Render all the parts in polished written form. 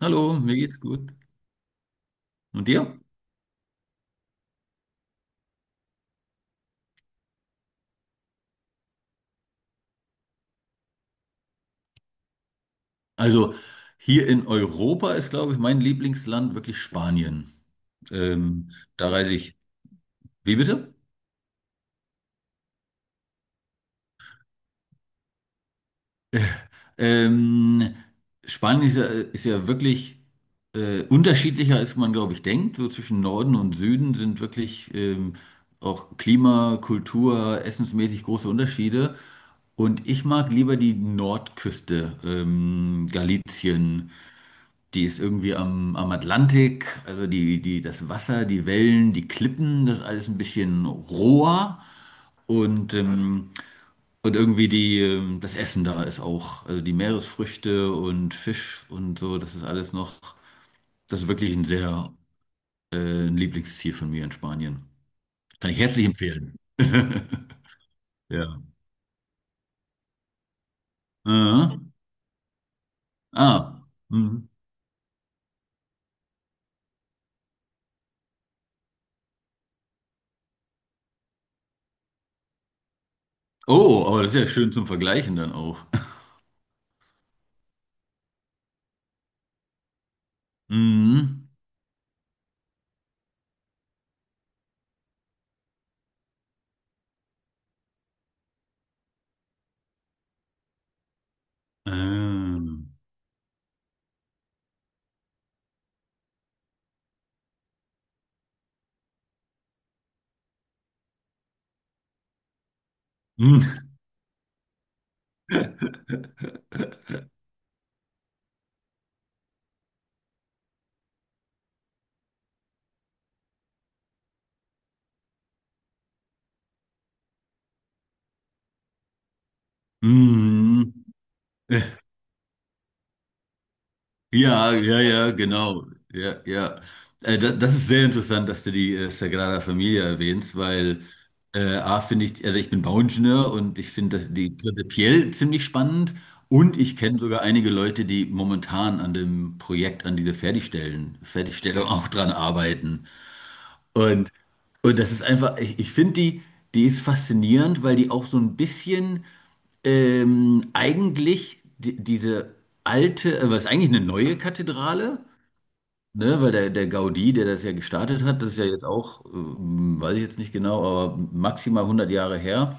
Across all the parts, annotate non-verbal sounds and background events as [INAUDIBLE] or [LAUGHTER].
Hallo, mir geht's gut. Und dir? Also hier in Europa ist, glaube ich, mein Lieblingsland wirklich Spanien. Ähm, da reise ich. Wie bitte? Ähm, Spanien ist ja wirklich unterschiedlicher, als man, glaube ich, denkt. So zwischen Norden und Süden sind wirklich auch Klima, Kultur, essensmäßig große Unterschiede. Und ich mag lieber die Nordküste, Galicien. Die ist irgendwie am Atlantik, also das Wasser, die Wellen, die Klippen, das ist alles ein bisschen roher. Und, ähm, und irgendwie das Essen da ist auch, also die Meeresfrüchte und Fisch und so, das ist alles noch, das ist wirklich ein sehr ein Lieblingsziel von mir in Spanien. Kann ich herzlich empfehlen. [LAUGHS] Ja. Äh, ah. Mhm. Oh, aber das ist ja schön zum Vergleichen dann auch. [LAUGHS] Mhm. Ähm. [LAUGHS] Mhm. Ja, ja, ja, genau. Ja, ja. Das ist sehr interessant, dass du die Sagrada Familia erwähnst, weil A, finde ich, also ich bin Bauingenieur und ich finde das die prinzipiell ziemlich spannend und ich kenne sogar einige Leute, die momentan an dem Projekt, an dieser Fertigstellen, Fertigstellung [LAUGHS] auch dran arbeiten. Und, und das ist einfach, ich finde die, die ist faszinierend, weil die auch so ein bisschen eigentlich diese alte, was ist eigentlich eine neue Kathedrale, ne? Weil der Gaudí, der das ja gestartet hat, das ist ja jetzt auch, weiß ich jetzt nicht genau, aber maximal 100 Jahre her.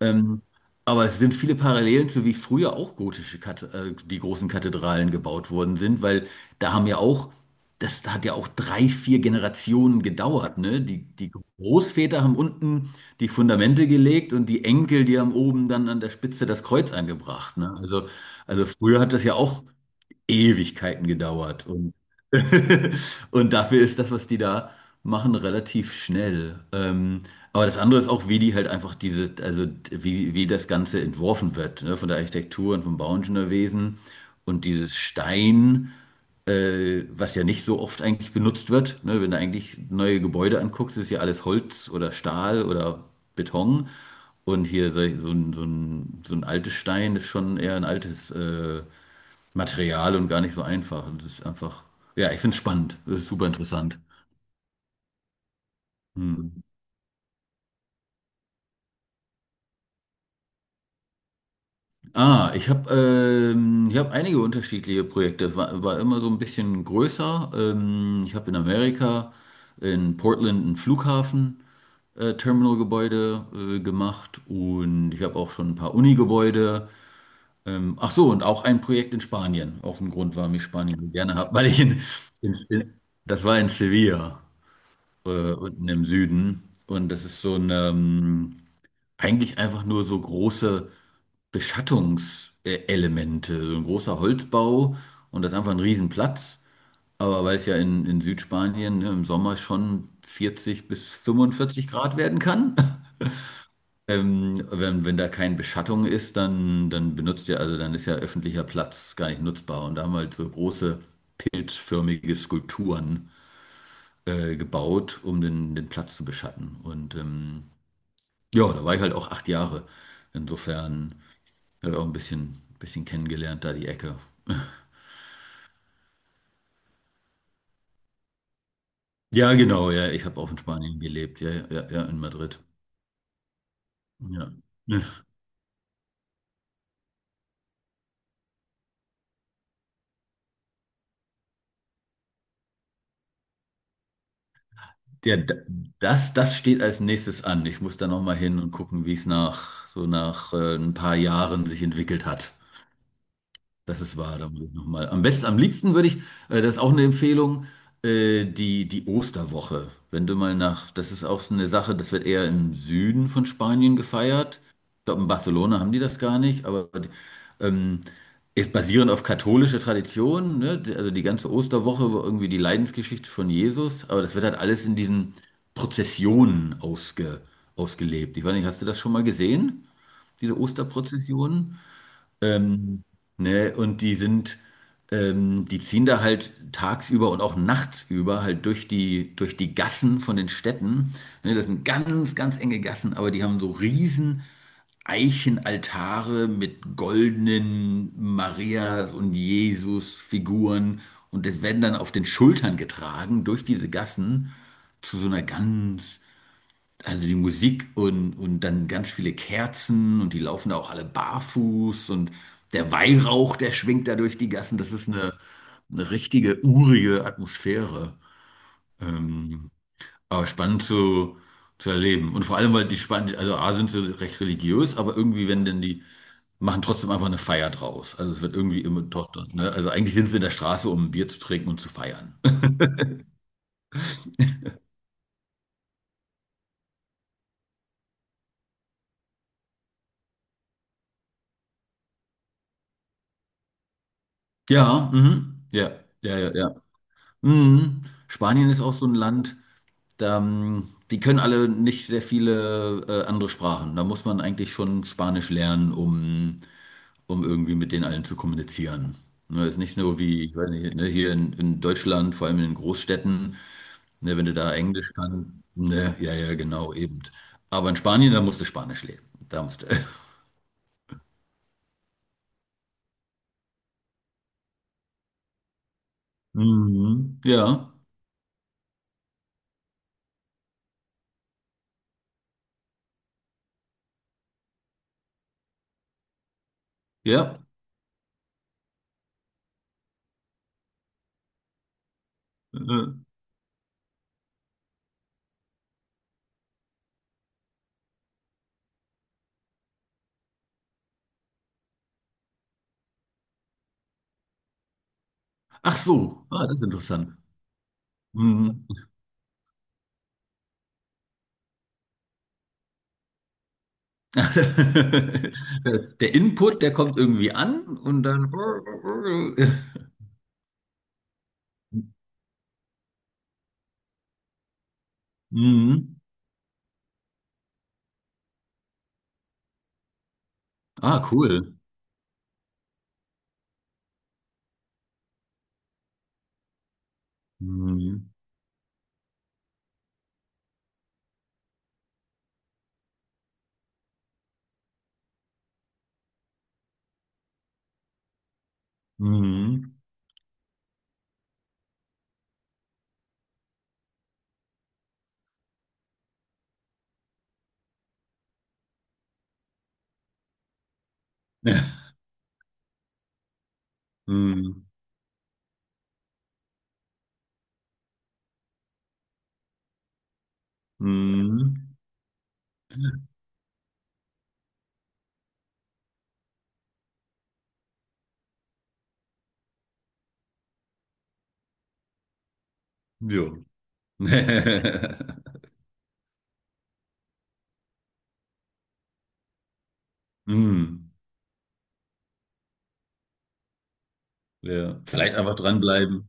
Ähm, aber es sind viele Parallelen zu wie früher auch gotische Kat die großen Kathedralen gebaut worden sind, weil da haben ja auch, das hat ja auch drei, vier Generationen gedauert, ne? Die Großväter haben unten die Fundamente gelegt und die Enkel, die haben oben dann an der Spitze das Kreuz angebracht, ne? Also früher hat das ja auch Ewigkeiten gedauert. [LAUGHS] Und dafür ist das, was die da machen, relativ schnell. Aber das andere ist auch, wie die halt einfach diese, also wie das Ganze entworfen wird, ne? Von der Architektur und vom Bauingenieurwesen und dieses Stein, was ja nicht so oft eigentlich benutzt wird. Ne? Wenn du eigentlich neue Gebäude anguckst, ist ja alles Holz oder Stahl oder Beton. Und hier so so ein altes Stein ist schon eher ein altes. Material und gar nicht so einfach. Das ist einfach, ja, ich finde es spannend. Das ist super interessant. Hm. Ah, ich habe ich hab einige unterschiedliche Projekte. War immer so ein bisschen größer. Ich habe in Amerika, in Portland, ein Flughafen, Terminalgebäude gemacht, und ich habe auch schon ein paar Uni-Gebäude. Ach so, und auch ein Projekt in Spanien. Auch ein Grund, warum ich Spanien so gerne habe, weil ich in, in, das war in Sevilla, unten im Süden. Und das ist so ein, eigentlich einfach nur so große Beschattungselemente, so ein großer Holzbau, und das ist einfach ein Riesenplatz. Aber weil es ja in Südspanien, ne, im Sommer schon 40 bis 45 Grad werden kann, [LAUGHS] wenn da keine Beschattung ist, dann benutzt ihr, also dann ist ja öffentlicher Platz gar nicht nutzbar. Und da haben wir halt so große pilzförmige Skulpturen gebaut, um den Platz zu beschatten. Und ja, da war ich halt auch 8 Jahre. Insofern habe ich auch ein bisschen kennengelernt, da die Ecke. Ja, genau, ja, ich habe auch in Spanien gelebt, ja, ja, ja, in Madrid. Ja. Ja, das steht als nächstes an. Ich muss da nochmal hin und gucken, wie es nach so nach ein paar Jahren sich entwickelt hat. Das ist wahr, da muss ich nochmal. Am besten, am liebsten würde ich, das ist auch eine Empfehlung, die Osterwoche. Wenn du mal nach, das ist auch so eine Sache, das wird eher im Süden von Spanien gefeiert. Ich glaube, in Barcelona haben die das gar nicht, aber ähm, ist basierend auf katholische Tradition, ne? Also die ganze Osterwoche war irgendwie die Leidensgeschichte von Jesus, aber das wird halt alles in diesen Prozessionen ausgelebt. Ich weiß nicht, hast du das schon mal gesehen, diese Osterprozessionen? Ähm, ne, und die sind, die ziehen da halt tagsüber und auch nachts über halt durch die Gassen von den Städten. Ne, das sind ganz, ganz enge Gassen, aber die haben so riesen Eichenaltare mit goldenen Marias und Jesus-Figuren, und das werden dann auf den Schultern getragen durch diese Gassen zu so einer ganz, also die Musik und, dann ganz viele Kerzen und die laufen da auch alle barfuß, und der Weihrauch, der schwingt da durch die Gassen. Das ist eine richtige urige Atmosphäre. Ähm, aber spannend zu, erleben. Und vor allem, weil die Span, also A, sind sie recht religiös, aber irgendwie, wenn denn die machen trotzdem einfach eine Feier draus. Also es wird irgendwie immer doch, ne? Also eigentlich sind sie in der Straße, um ein Bier zu trinken und zu feiern. [LAUGHS] Ja, mhm. Ja, ja, ja, ja. Mhm. Spanien ist auch so ein Land, da die können alle nicht sehr viele andere Sprachen. Da muss man eigentlich schon Spanisch lernen, um irgendwie mit denen allen zu kommunizieren. Ne, ist nicht nur wie, ich weiß nicht, ne, hier in Deutschland, vor allem in den Großstädten, ne, wenn du da Englisch kannst, ne, ja, ja, genau, eben. Aber in Spanien, da musst du Spanisch lernen. Da musst du. [LAUGHS] Mhm. Ja, ja. Äh, äh. Ach so, ah, das ist interessant. Mhm. [LAUGHS] Der Input, der kommt irgendwie an und dann. [LAUGHS] Mhm. Ah, cool. Mhm. Mhm. [LAUGHS] Mhm. Mhm. Ja. [LAUGHS] Mhm. Ja. Vielleicht einfach dranbleiben.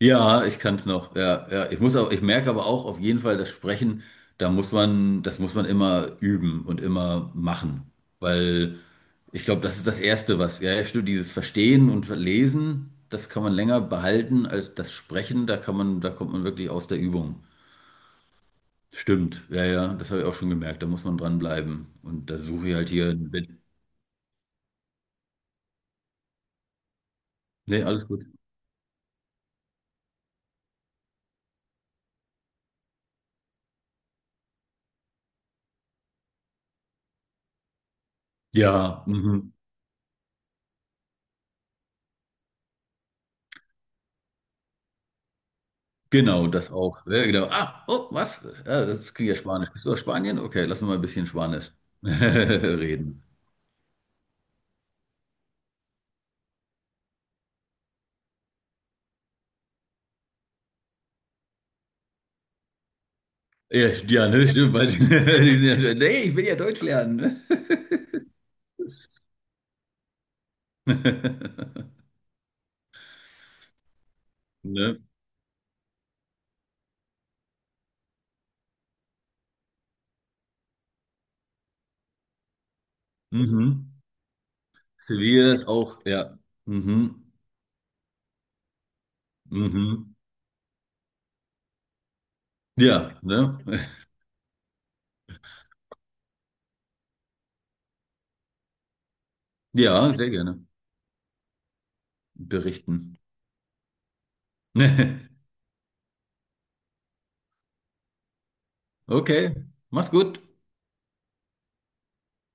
Ja, ich kann es noch. Ja, ja. Ich muss aber, ich merke aber auch auf jeden Fall, das Sprechen, da muss man, das muss man immer üben und immer machen. Weil ich glaube, das ist das Erste, was, ja, ja, stimmt, dieses Verstehen und Lesen, das kann man länger behalten als das Sprechen, da kann man, da kommt man wirklich aus der Übung. Stimmt, ja, ja, das habe ich auch schon gemerkt, da muss man dranbleiben. Und da suche ich halt hier, nee, alles gut. Ja, mhm. Genau, das auch. Ja, genau. Ah, oh, was? Ja, das klingt ja Spanisch. Bist du aus Spanien? Okay, lass uns mal ein bisschen Spanisch [LAUGHS] reden. Ja, ja, ne? Stimmt, [LAUGHS] die sind nee, ich will ja Deutsch lernen. Ne? [LAUGHS] Ne? Mhm. Sevilla ist auch, ja. Mhm. Mhm. Ja, ne? [LAUGHS] Ja, sehr gerne. Berichten. [LAUGHS] Okay, mach's gut.